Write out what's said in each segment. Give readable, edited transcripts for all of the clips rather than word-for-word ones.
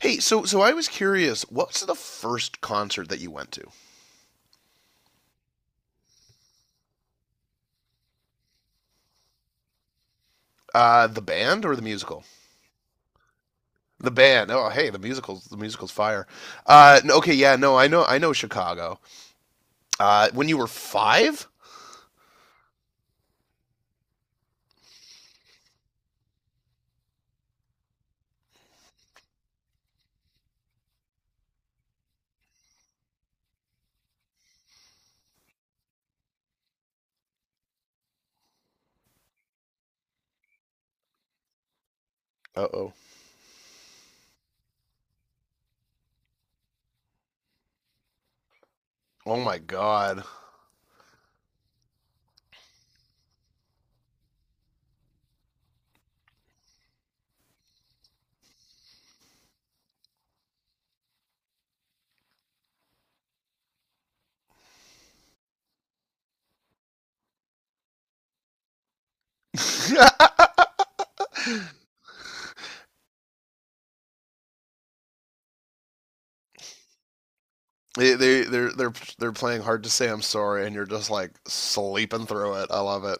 Hey, so I was curious, what's the first concert that you went to? The band or the musical? The band. Oh, hey, the musical's fire. Okay, yeah, no, I know Chicago. When you were five? Uh-oh. Oh my God. They're they're playing hard to say I'm sorry, and you're just like sleeping through it. I love it.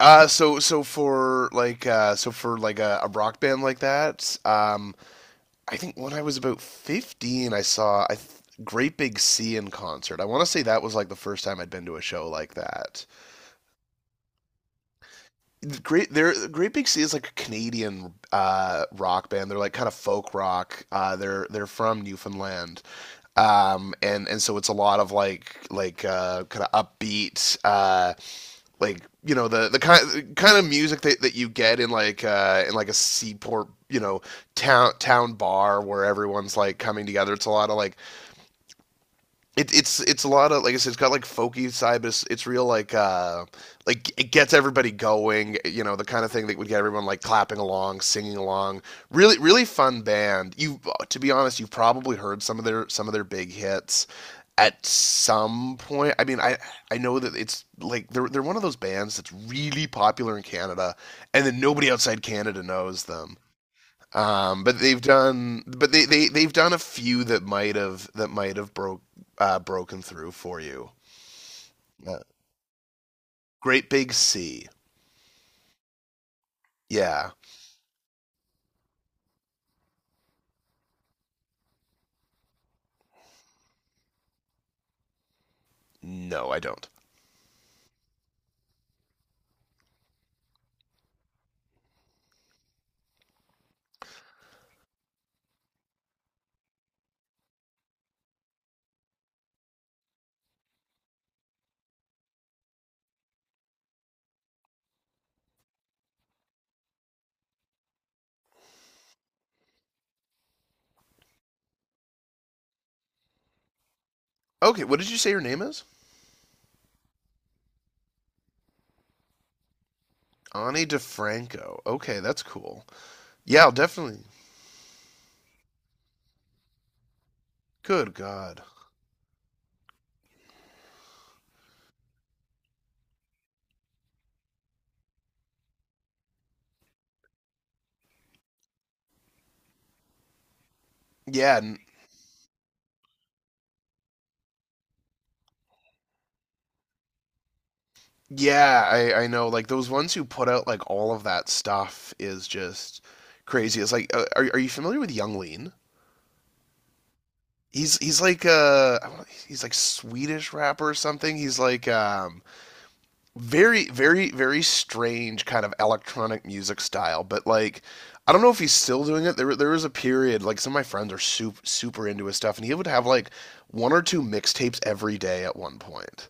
So for like a rock band like that. I think when I was about 15, I saw I th- Great Big Sea in concert. I want to say that was like the first time I'd been to a show like that. Great Big Sea is like a Canadian rock band. They're like kind of folk rock. They're they're from Newfoundland, and so it's a lot of like kind of upbeat, like you know the kind kind of music that you get in in like a seaport you know town bar where everyone's like coming together. It's a lot of like it's it's a lot of, like I said, it's got like folky side, but it's real like it gets everybody going. You know, the kind of thing that would get everyone like clapping along, singing along. Really, really fun band. You To be honest, you've probably heard some of their big hits at some point. I mean, I know that it's like they're one of those bands that's really popular in Canada, and then nobody outside Canada knows them. But they they've done a few that might have broken through for you. Uh, Great Big C. Yeah. No, I don't. Okay, what did you say your name is? Ani DeFranco. Okay, that's cool. Yeah, I'll definitely. Good God. Yeah, n- yeah, I know. Like those ones who put out like all of that stuff is just crazy. It's like, are you familiar with Young Lean? He's he's like uh he's like Swedish rapper or something. He's like very very very strange kind of electronic music style, but like I don't know if he's still doing it. There was a period like some of my friends are super super into his stuff and he would have like one or two mixtapes every day at one point.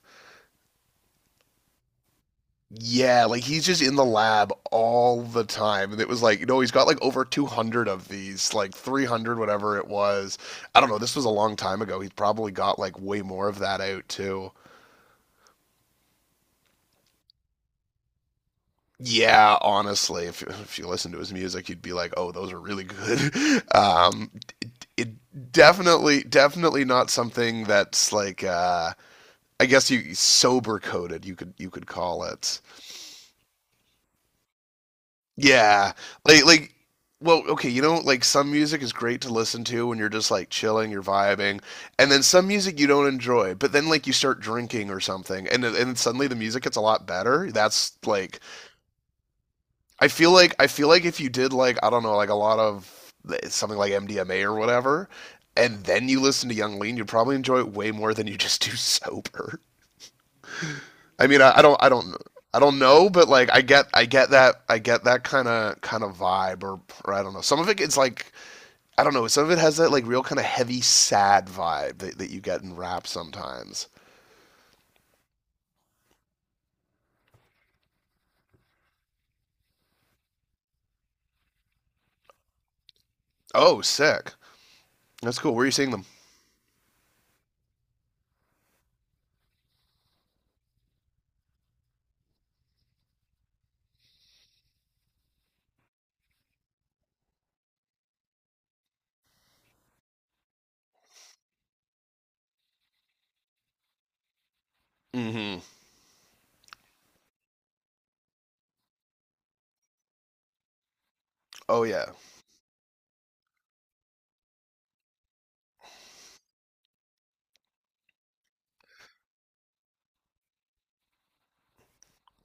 Yeah, like he's just in the lab all the time. And it was like, you know, he's got like over 200 of these, like 300, whatever it was. I don't know. This was a long time ago. He's probably got like way more of that out too. Yeah, honestly, if you listen to his music, you'd be like, "Oh, those are really good." Um, it definitely, definitely not something that's like, I guess you sober coded. You could call it. Yeah. Like like well, okay, you know, like some music is great to listen to when you're just like chilling, you're vibing, and then some music you don't enjoy, but then like you start drinking or something, and then- and suddenly the music gets a lot better. That's like I feel like if you did like, I don't know, like a lot of something like MDMA or whatever, and then you listen to Young Lean, you'd probably enjoy it way more than you just do sober. I mean, I don't know, but like, I get that kind of vibe, or I don't know. Some of it is like, I don't know. Some of it has that like real kind of heavy, sad vibe that you get in rap sometimes. Oh, sick. That's cool. Where are you seeing them? Mm-hmm. Oh yeah.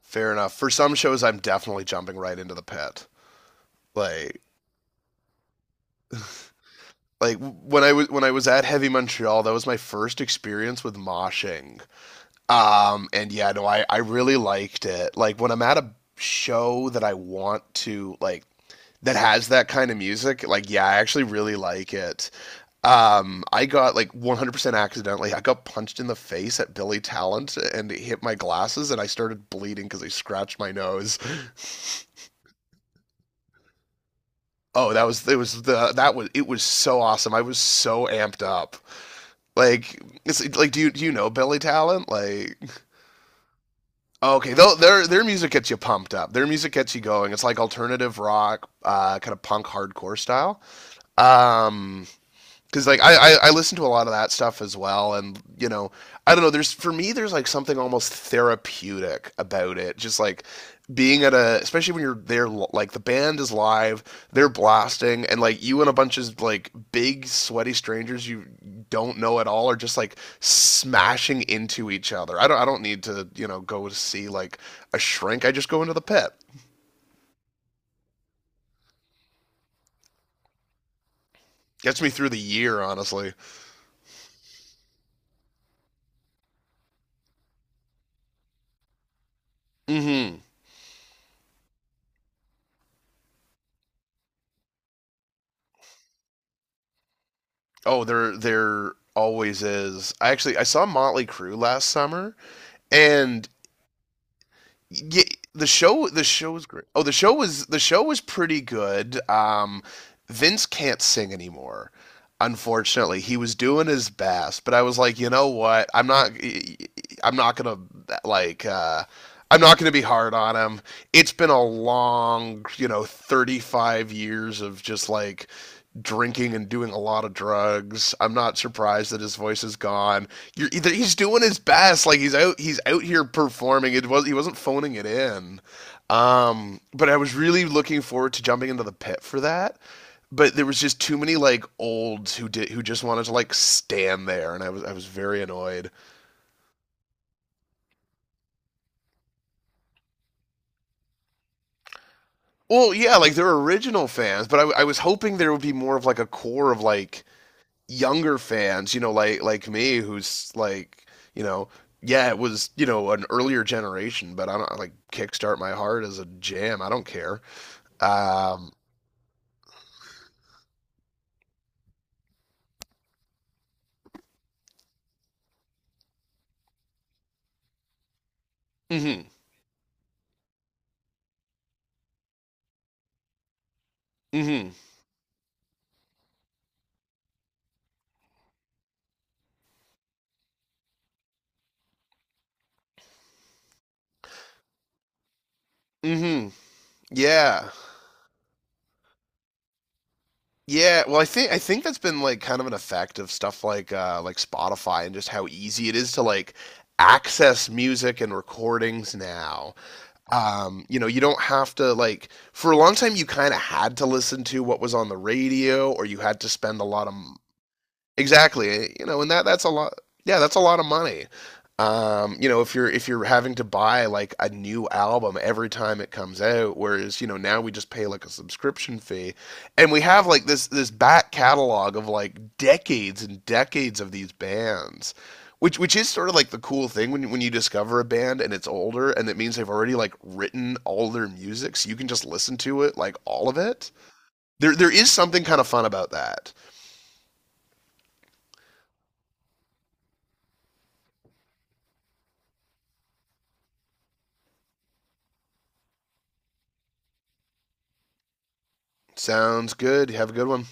Fair enough. For some shows, I'm definitely jumping right into the pit. Like, like when I was at Heavy Montreal, that was my first experience with moshing. And yeah, no, I really liked it. Like when I'm at a show that I want to like that has that kind of music, like yeah, I actually really like it. I got like 100% accidentally, I got punched in the face at Billy Talent, and it hit my glasses, and I started bleeding because I scratched my nose. That was it was so awesome. I was so amped up. Like it's like, do you know Billy Talent? Like okay, though their music gets you pumped up. Their music gets you going. It's like alternative rock, kind of punk hardcore style. Um, because like I listen to a lot of that stuff as well, and you know, I don't know. There's, for me, there's like something almost therapeutic about it, just like being at a, especially when you're there, like the band is live, they're blasting, and like you and a bunch of like big sweaty strangers you don't know at all are just like smashing into each other. I don't need to, you know, go to see like a shrink. I just go into the pit. Gets me through the year, honestly. Hmm. Oh, there always is. I saw Motley Crue last summer, and yeah, the show was great. Oh, the show was pretty good. Vince can't sing anymore. Unfortunately, he was doing his best, but I was like, you know what? I'm not gonna, like uh, I'm not gonna be hard on him. It's been a long, you know, 35 years of just like drinking and doing a lot of drugs. I'm not surprised that his voice is gone. You're He's doing his best, like he's out here performing. It was He wasn't phoning it in. But I was really looking forward to jumping into the pit for that. But there was just too many like olds who just wanted to like stand there, and I was very annoyed. Well, yeah, like they're original fans, but I was hoping there would be more of like a core of like younger fans, you know, like me, who's like, you know, yeah, it was, you know, an earlier generation, but I don't like Kickstart My Heart as a jam. I don't care. Um, mm-hmm, mm-hmm, mm-hmm. Yeah, yeah. Well, I think that's been like kind of an effect of stuff like, like Spotify, and just how easy it is to like access music and recordings now. You know, you don't have to, like, for a long time you kind of had to listen to what was on the radio, or you had to spend a lot of— Exactly. You know, and that's a lot. Yeah, that's a lot of money. You know, if you're having to buy like a new album every time it comes out, whereas, you know, now we just pay like a subscription fee, and we have like this back catalog of like decades and decades of these bands. Which is sort of like the cool thing when you discover a band and it's older, and it means they've already like written all their music, so you can just listen to it, like all of it. There is something kind of fun about that. Sounds good. Have a good one.